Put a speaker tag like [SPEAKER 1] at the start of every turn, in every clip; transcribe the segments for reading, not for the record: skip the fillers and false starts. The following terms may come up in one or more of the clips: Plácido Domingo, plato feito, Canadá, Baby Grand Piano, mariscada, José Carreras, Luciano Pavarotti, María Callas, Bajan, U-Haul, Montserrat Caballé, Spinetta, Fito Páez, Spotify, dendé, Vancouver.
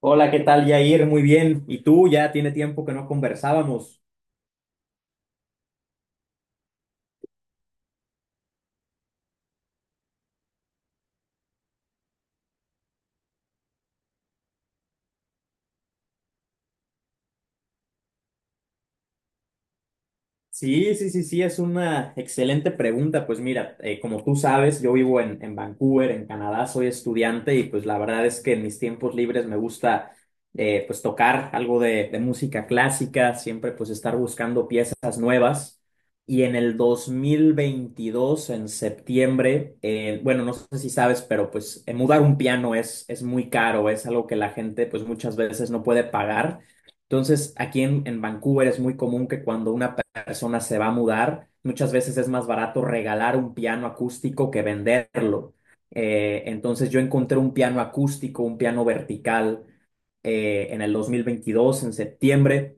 [SPEAKER 1] Hola, ¿qué tal? Ya ir muy bien. Y tú, ya tiene tiempo que no conversábamos. Sí, sí, sí, sí, es una excelente pregunta. Pues mira, como tú sabes, yo vivo en Vancouver, en Canadá, soy estudiante y pues la verdad es que en mis tiempos libres me gusta pues tocar algo de música clásica, siempre pues estar buscando piezas nuevas. Y en el 2022 en septiembre, bueno, no sé si sabes, pero pues mudar un piano es muy caro, es algo que la gente pues muchas veces no puede pagar. Entonces, aquí en Vancouver es muy común que cuando una persona se va a mudar, muchas veces es más barato regalar un piano acústico que venderlo. Entonces yo encontré un piano acústico, un piano vertical, en el 2022, en septiembre.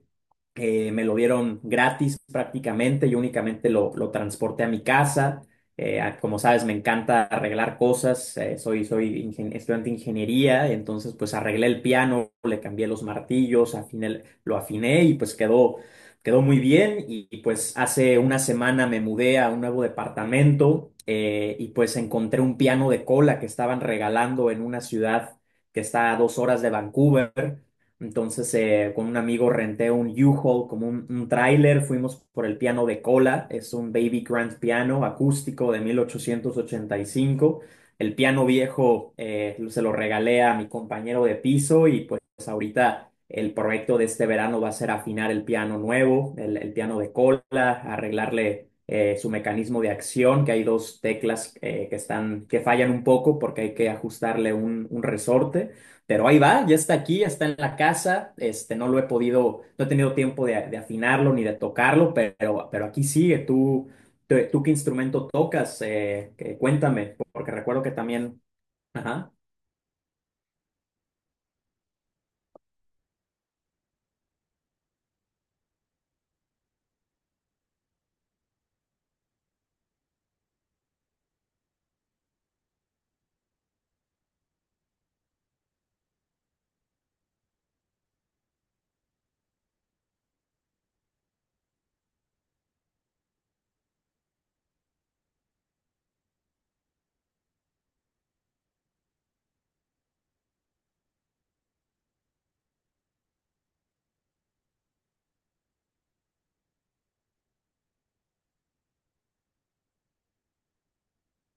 [SPEAKER 1] Me lo dieron gratis prácticamente, yo únicamente lo transporté a mi casa. Como sabes, me encanta arreglar cosas, soy estudiante de ingeniería, entonces pues arreglé el piano, le cambié los martillos, lo afiné y pues quedó muy bien. Pues hace una semana me mudé a un nuevo departamento, y pues encontré un piano de cola que estaban regalando en una ciudad que está a 2 horas de Vancouver. Entonces, con un amigo renté un U-Haul, como un tráiler. Fuimos por el piano de cola. Es un Baby Grand Piano acústico de 1885. El piano viejo, se lo regalé a mi compañero de piso y pues ahorita el proyecto de este verano va a ser afinar el piano nuevo, el piano de cola, arreglarle su mecanismo de acción, que hay dos teclas, que fallan un poco porque hay que ajustarle un resorte, pero ahí va, ya está aquí, ya está en la casa. Este, no he tenido tiempo de afinarlo ni de tocarlo, pero aquí sigue. Tú qué instrumento tocas. Cuéntame, porque recuerdo que también, ajá,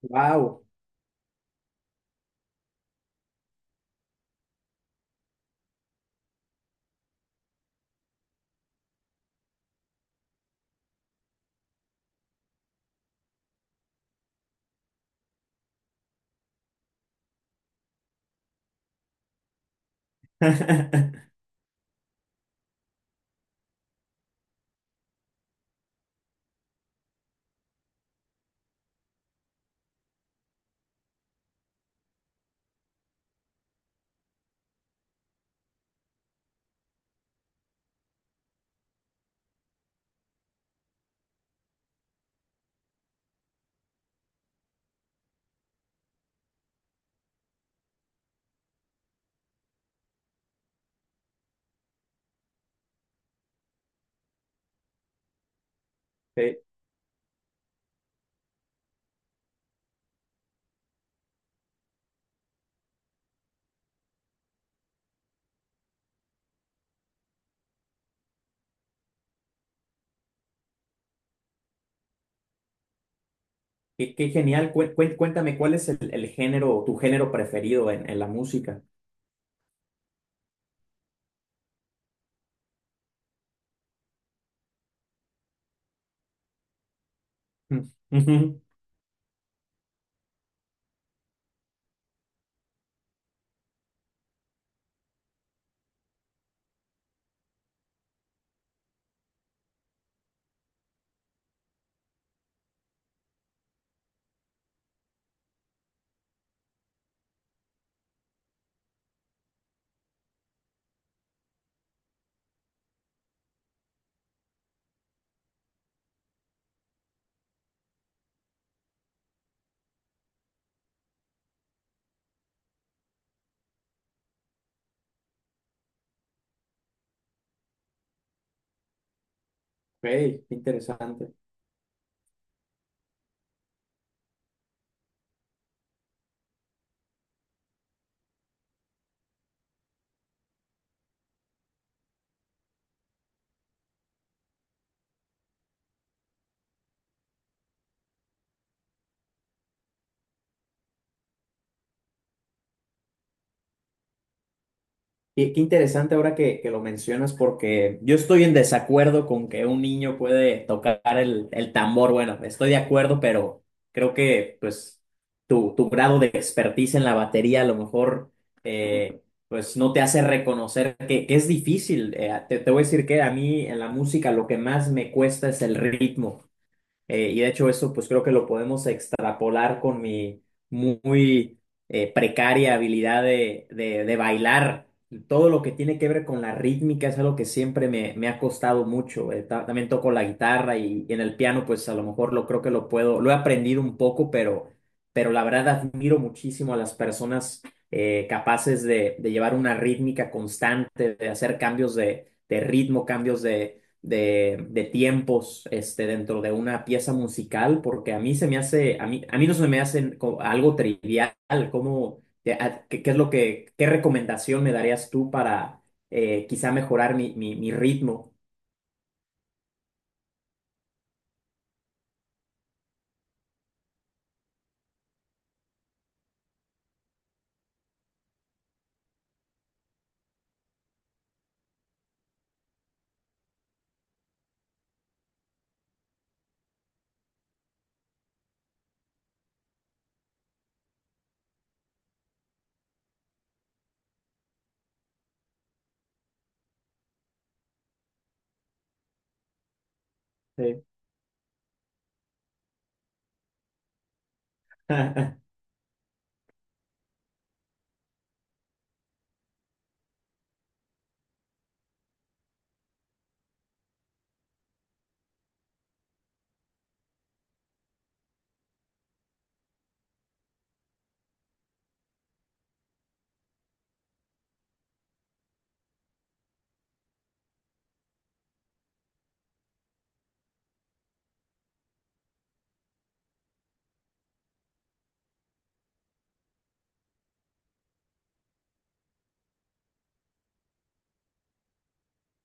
[SPEAKER 1] wow. Qué genial. Cuéntame, ¿cuál es el género, tu género preferido en la música? Mm, ujú. Ey, qué interesante. Y qué interesante ahora que lo mencionas, porque yo estoy en desacuerdo con que un niño puede tocar el tambor. Bueno, estoy de acuerdo, pero creo que pues tu grado de expertise en la batería a lo mejor, eh, pues no te hace reconocer que es difícil. Te voy a decir que a mí en la música lo que más me cuesta es el ritmo. Y de hecho eso pues creo que lo podemos extrapolar con mi muy precaria habilidad de bailar. Todo lo que tiene que ver con la rítmica es algo que siempre me ha costado mucho. También toco la guitarra y en el piano pues a lo mejor lo creo que lo he aprendido un poco, pero la verdad admiro muchísimo a las personas capaces de llevar una rítmica constante, de hacer cambios de ritmo, cambios de tiempos, este, dentro de una pieza musical, porque a mí no se me hace algo trivial. Como, ¿qué, qué es lo que, ¿Qué recomendación me darías tú para quizá mejorar mi ritmo? Sí.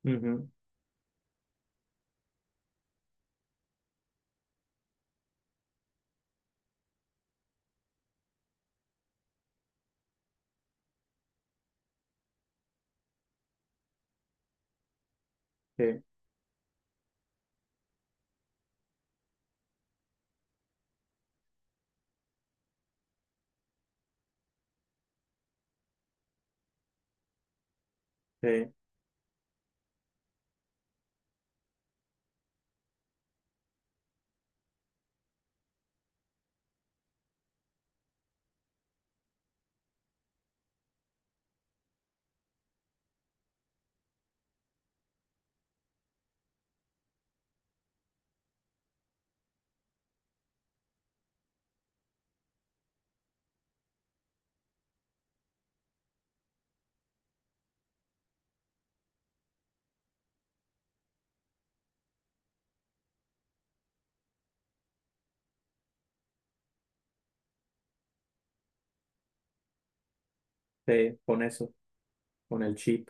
[SPEAKER 1] Ujú, sí, sí, sí, con eso. Con el chip.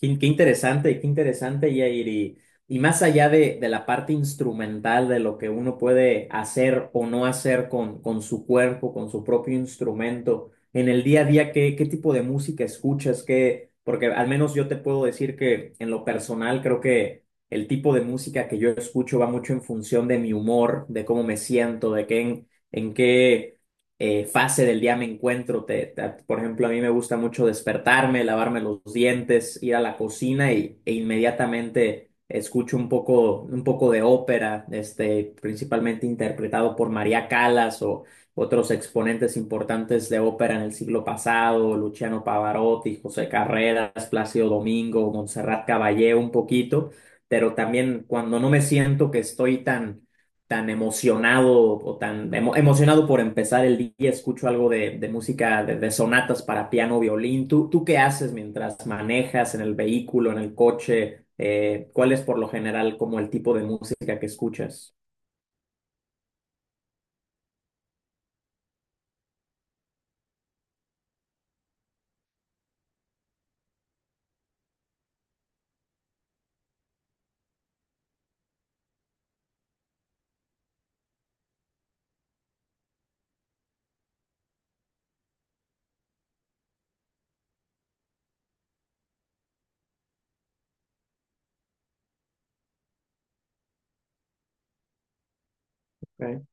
[SPEAKER 1] Qué interesante, qué interesante, Yair. Y más allá de la parte instrumental, de lo que uno puede hacer o no hacer con su cuerpo, con su propio instrumento, en el día a día, ¿qué tipo de música escuchas? Porque al menos yo te puedo decir que en lo personal creo que el tipo de música que yo escucho va mucho en función de mi humor, de cómo me siento, en qué fase del día me encuentro. Por ejemplo, a mí me gusta mucho despertarme, lavarme los dientes, ir a la cocina e inmediatamente escucho un poco de ópera, este, principalmente interpretado por María Callas o otros exponentes importantes de ópera en el siglo pasado, Luciano Pavarotti, José Carreras, Plácido Domingo, Montserrat Caballé un poquito, pero también cuando no me siento que estoy tan emocionado o emocionado por empezar el día, escucho algo de música de sonatas para piano, violín. ¿Tú qué haces mientras manejas en el vehículo, en el coche? ¿Cuál es por lo general como el tipo de música que escuchas? Ok.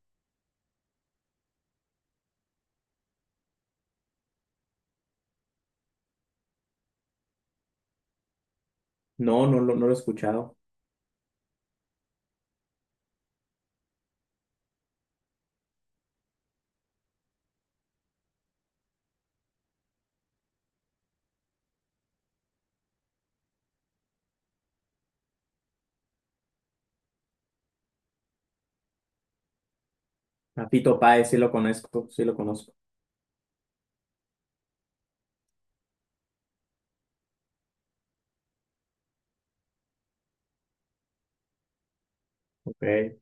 [SPEAKER 1] No, no, no lo he escuchado. A Fito Páez sí lo conozco, sí lo conozco. Ok.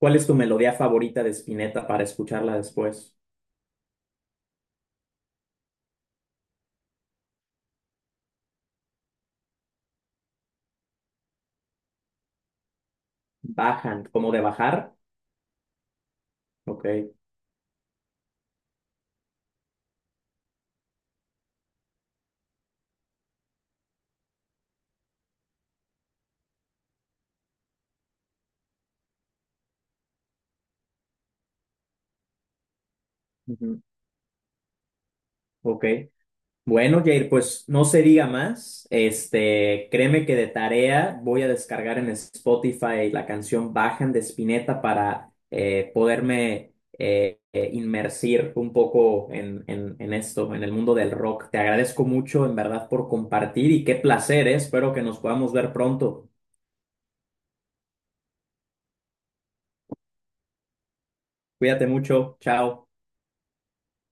[SPEAKER 1] ¿Cuál es tu melodía favorita de Spinetta para escucharla después? Bajan, como de bajar. Ok. Ujú. Ok. Bueno, Jair, pues no se diga más. Este, créeme que de tarea voy a descargar en Spotify la canción Bajan de Spinetta para poderme inmersir un poco en esto, en el mundo del rock. Te agradezco mucho, en verdad, por compartir y qué placer, eh. Espero que nos podamos ver pronto. Cuídate mucho. Chao.